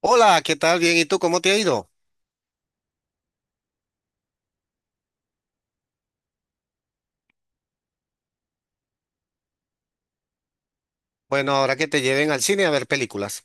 Hola, ¿qué tal? Bien, ¿y tú cómo te ha ido? Bueno, ahora que te lleven al cine a ver películas.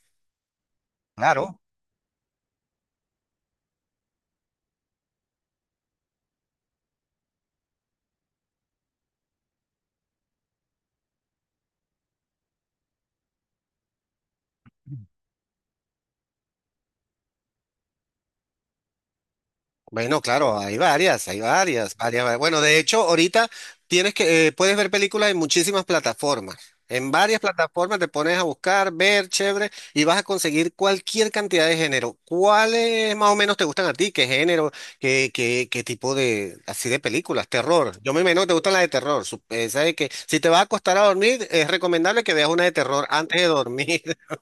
Bueno, claro, hay varias, varias. Bueno, de hecho, ahorita tienes que puedes ver películas en muchísimas plataformas. En varias plataformas te pones a buscar, ver, chévere, y vas a conseguir cualquier cantidad de género. ¿Cuáles más o menos te gustan a ti? ¿Qué género? ¿Qué tipo de así de películas? Terror. Yo me imagino que te gustan las de terror. Sabes que si te vas a acostar a dormir, es recomendable que veas una de terror antes de dormir.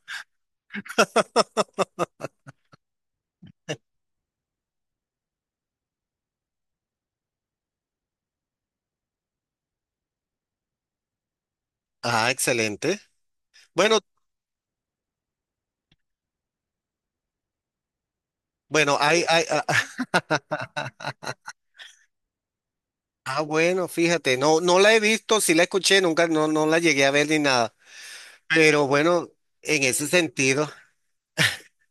Ah, excelente. Bueno, bueno, hay, ah, ah, ah, bueno, fíjate, no, no la he visto, sí la escuché, nunca, no, no la llegué a ver ni nada, pero bueno, en ese sentido,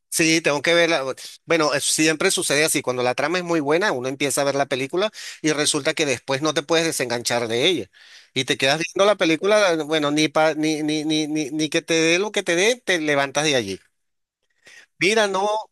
sí, tengo que verla. Bueno, siempre sucede así, cuando la trama es muy buena, uno empieza a ver la película y resulta que después no te puedes desenganchar de ella y te quedas viendo la película, bueno, ni pa, ni que te dé lo que te dé, te levantas de allí. Mira, no.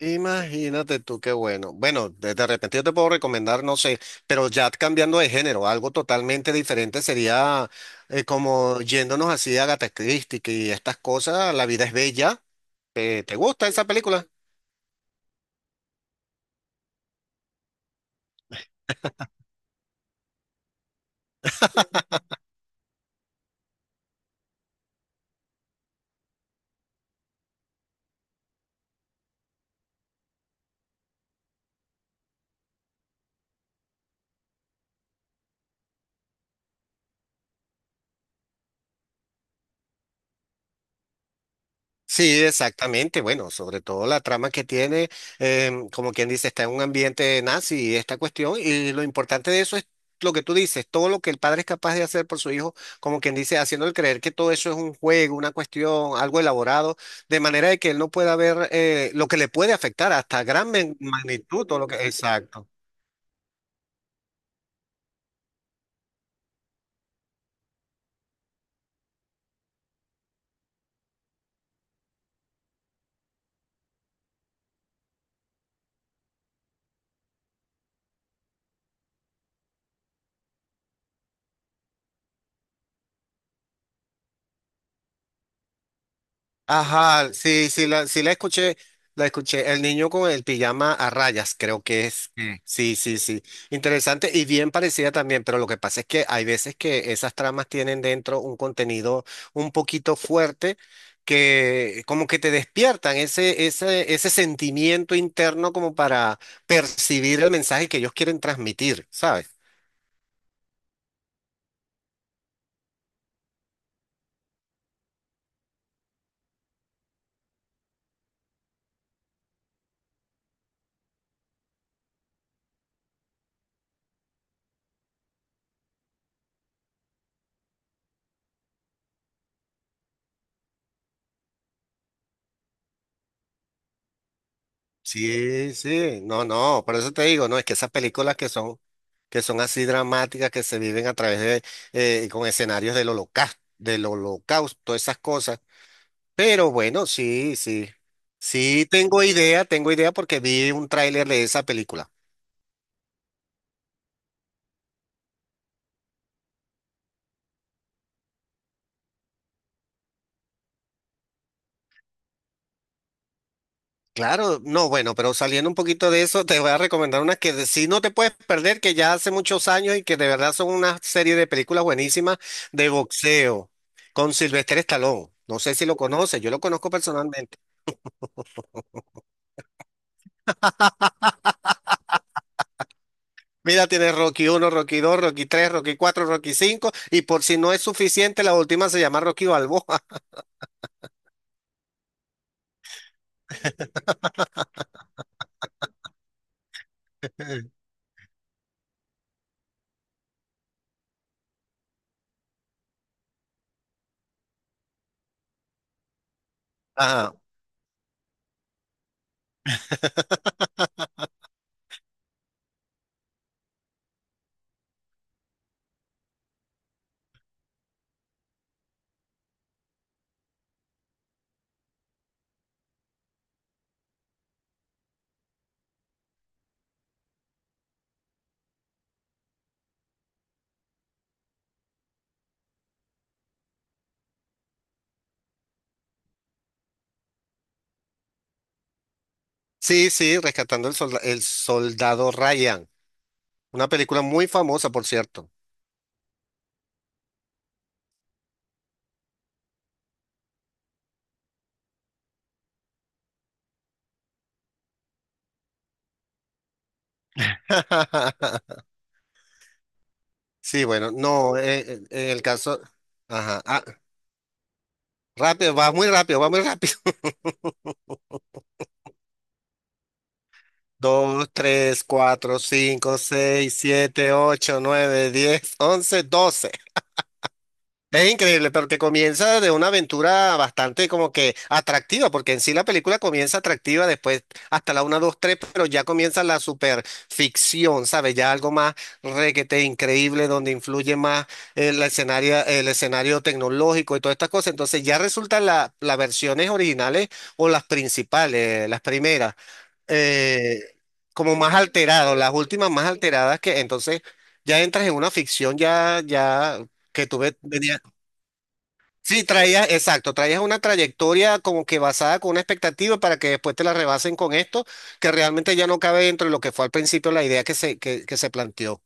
Imagínate tú, qué bueno. Bueno, de repente yo te puedo recomendar, no sé, pero ya cambiando de género, algo totalmente diferente sería como yéndonos así a Agatha Christie y estas cosas, La vida es bella. ¿Te gusta esa película? Sí, exactamente. Bueno, sobre todo la trama que tiene, como quien dice, está en un ambiente nazi esta cuestión y lo importante de eso es lo que tú dices, todo lo que el padre es capaz de hacer por su hijo, como quien dice, haciéndole creer que todo eso es un juego, una cuestión, algo elaborado, de manera de que él no pueda ver lo que le puede afectar hasta gran magnitud, todo lo que... Exacto. Ajá, sí la escuché, la escuché. El niño con el pijama a rayas, creo que es. Mm. Sí, sí, sí. Interesante y bien parecida también, pero lo que pasa es que hay veces que esas tramas tienen dentro un contenido un poquito fuerte que como que te despiertan ese sentimiento interno como para percibir el mensaje que ellos quieren transmitir, ¿sabes? Sí, sí, no, no, por eso te digo, no, es que esas películas que son así dramáticas, que se viven a través de, con escenarios del holocausto, esas cosas. Pero bueno, sí, sí, sí, tengo idea porque vi un tráiler de esa película. Claro, no, bueno, pero saliendo un poquito de eso, te voy a recomendar unas que sí no te puedes perder, que ya hace muchos años y que de verdad son una serie de películas buenísimas de boxeo con Sylvester Stallone. No sé si lo conoces, yo lo conozco personalmente. Mira, tienes Rocky uno, Rocky dos, Rocky tres, Rocky cuatro, Rocky cinco y por si no es suficiente, la última se llama Rocky Balboa. Ajá. Sí, sí, rescatando el soldado Ryan. Una película muy famosa, por cierto. Sí, bueno, no, en el caso, ajá, ah, rápido, va muy rápido, va muy rápido. Dos, tres, cuatro, cinco, seis, siete, ocho, nueve, diez, once, doce. Es increíble, porque comienza de una aventura bastante como que atractiva, porque en sí la película comienza atractiva, después hasta la una, 2, 3, pero ya comienza la superficción, ¿sabes? Ya algo más requete increíble, donde influye más el escenario tecnológico y todas estas cosas. Entonces ya resultan las versiones originales o las principales, las primeras, eh, como más alteradas, las últimas más alteradas que entonces ya entras en una ficción ya que tuve. Sí, traías, exacto, traías una trayectoria como que basada con una expectativa para que después te la rebasen con esto, que realmente ya no cabe dentro de lo que fue al principio la idea que se, que se planteó.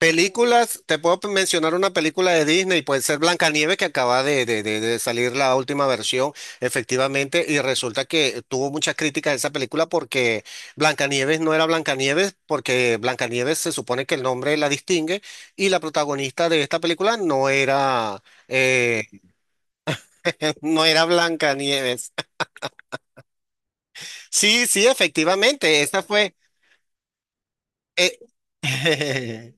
Películas, te puedo mencionar una película de Disney, puede ser Blancanieves, que acaba de salir la última versión, efectivamente, y resulta que tuvo muchas críticas esa película porque Blancanieves no era Blancanieves, porque Blancanieves se supone que el nombre la distingue, y la protagonista de esta película no era. eh, No era Blancanieves. Sí, sí, efectivamente, esa fue. eh,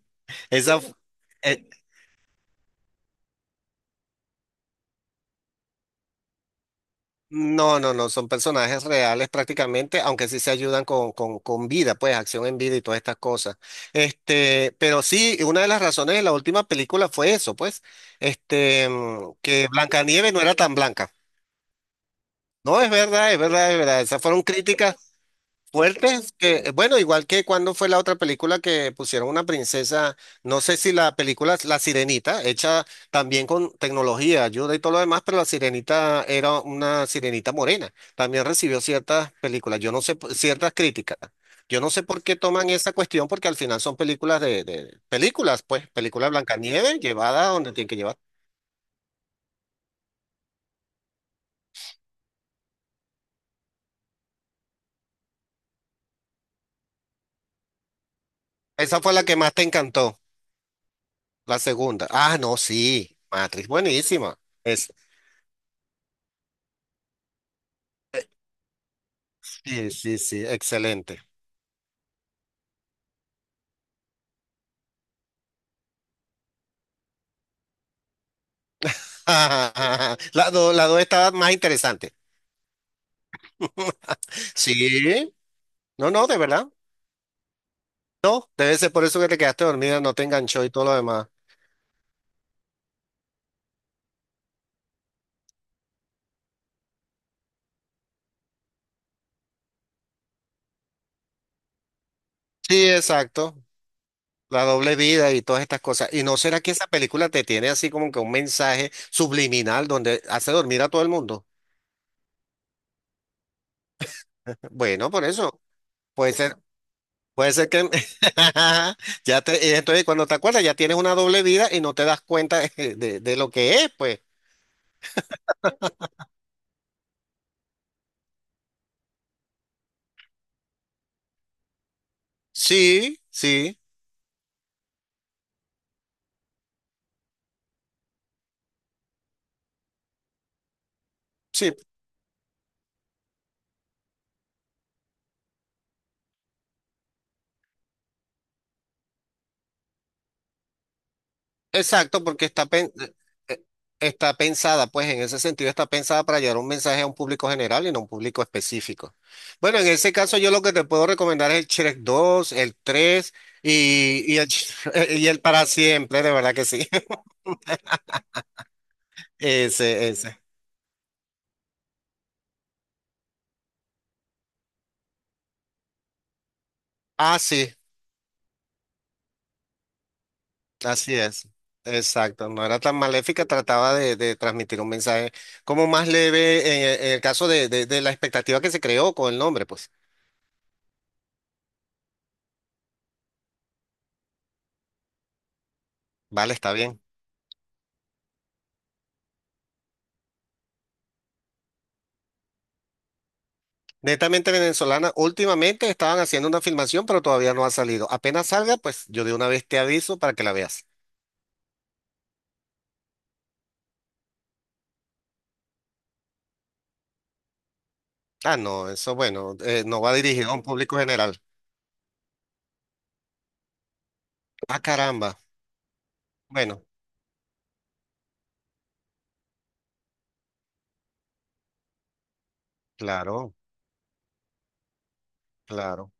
esa. fu- eh, no, no, no, son personajes reales prácticamente, aunque sí se ayudan con, con vida, pues acción en vida y todas estas cosas. Este, pero sí, una de las razones de la última película fue eso, pues, este, que Blancanieves no era tan blanca. No, es verdad, es verdad, es verdad. Esas fueron críticas. Fuertes que, bueno, igual que cuando fue la otra película que pusieron una princesa, no sé si la película es La Sirenita, hecha también con tecnología, ayuda y todo lo demás, pero La Sirenita era una sirenita morena. También recibió ciertas películas, yo no sé, ciertas críticas. Yo no sé por qué toman esa cuestión, porque al final son películas de películas, pues, película Blancanieves llevada a donde tiene que llevar. Esa fue la que más te encantó, la segunda. Ah, no, sí, Matrix, buenísima. Sí, sí, sí, excelente. La dos estaba más interesante. Sí, no, no, de verdad. No, debe ser por eso que te quedaste dormida, no te enganchó y todo lo demás. Sí, exacto. La doble vida y todas estas cosas. ¿Y no será que esa película te tiene así como que un mensaje subliminal donde hace dormir a todo el mundo? Bueno, por eso. Puede ser, puede ser que ya te, y entonces cuando te acuerdas ya tienes una doble vida y no te das cuenta de lo que es, pues. Sí, sí, sí, exacto, porque está, eh, está pensada, pues en ese sentido está pensada para llevar un mensaje a un público general y no a un público específico. Bueno, en ese caso yo lo que te puedo recomendar es el Shrek 2, el 3 y, y el para siempre, de verdad que sí. Ese. Ah, sí, así es. Exacto, no era tan maléfica, trataba de transmitir un mensaje como más leve en el caso de la expectativa que se creó con el nombre, pues. Vale, está bien. Netamente venezolana, últimamente estaban haciendo una filmación, pero todavía no ha salido. Apenas salga, pues yo de una vez te aviso para que la veas. Ah, no, eso bueno, no va dirigido a un público general. Ah, caramba. Bueno, claro, claro.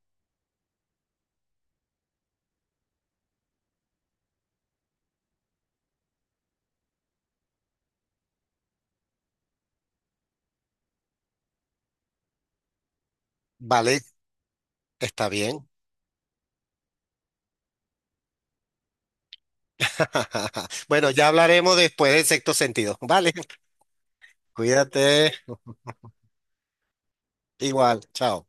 Vale, está bien. Bueno, ya hablaremos después del sexto sentido. Vale, cuídate. Igual, chao.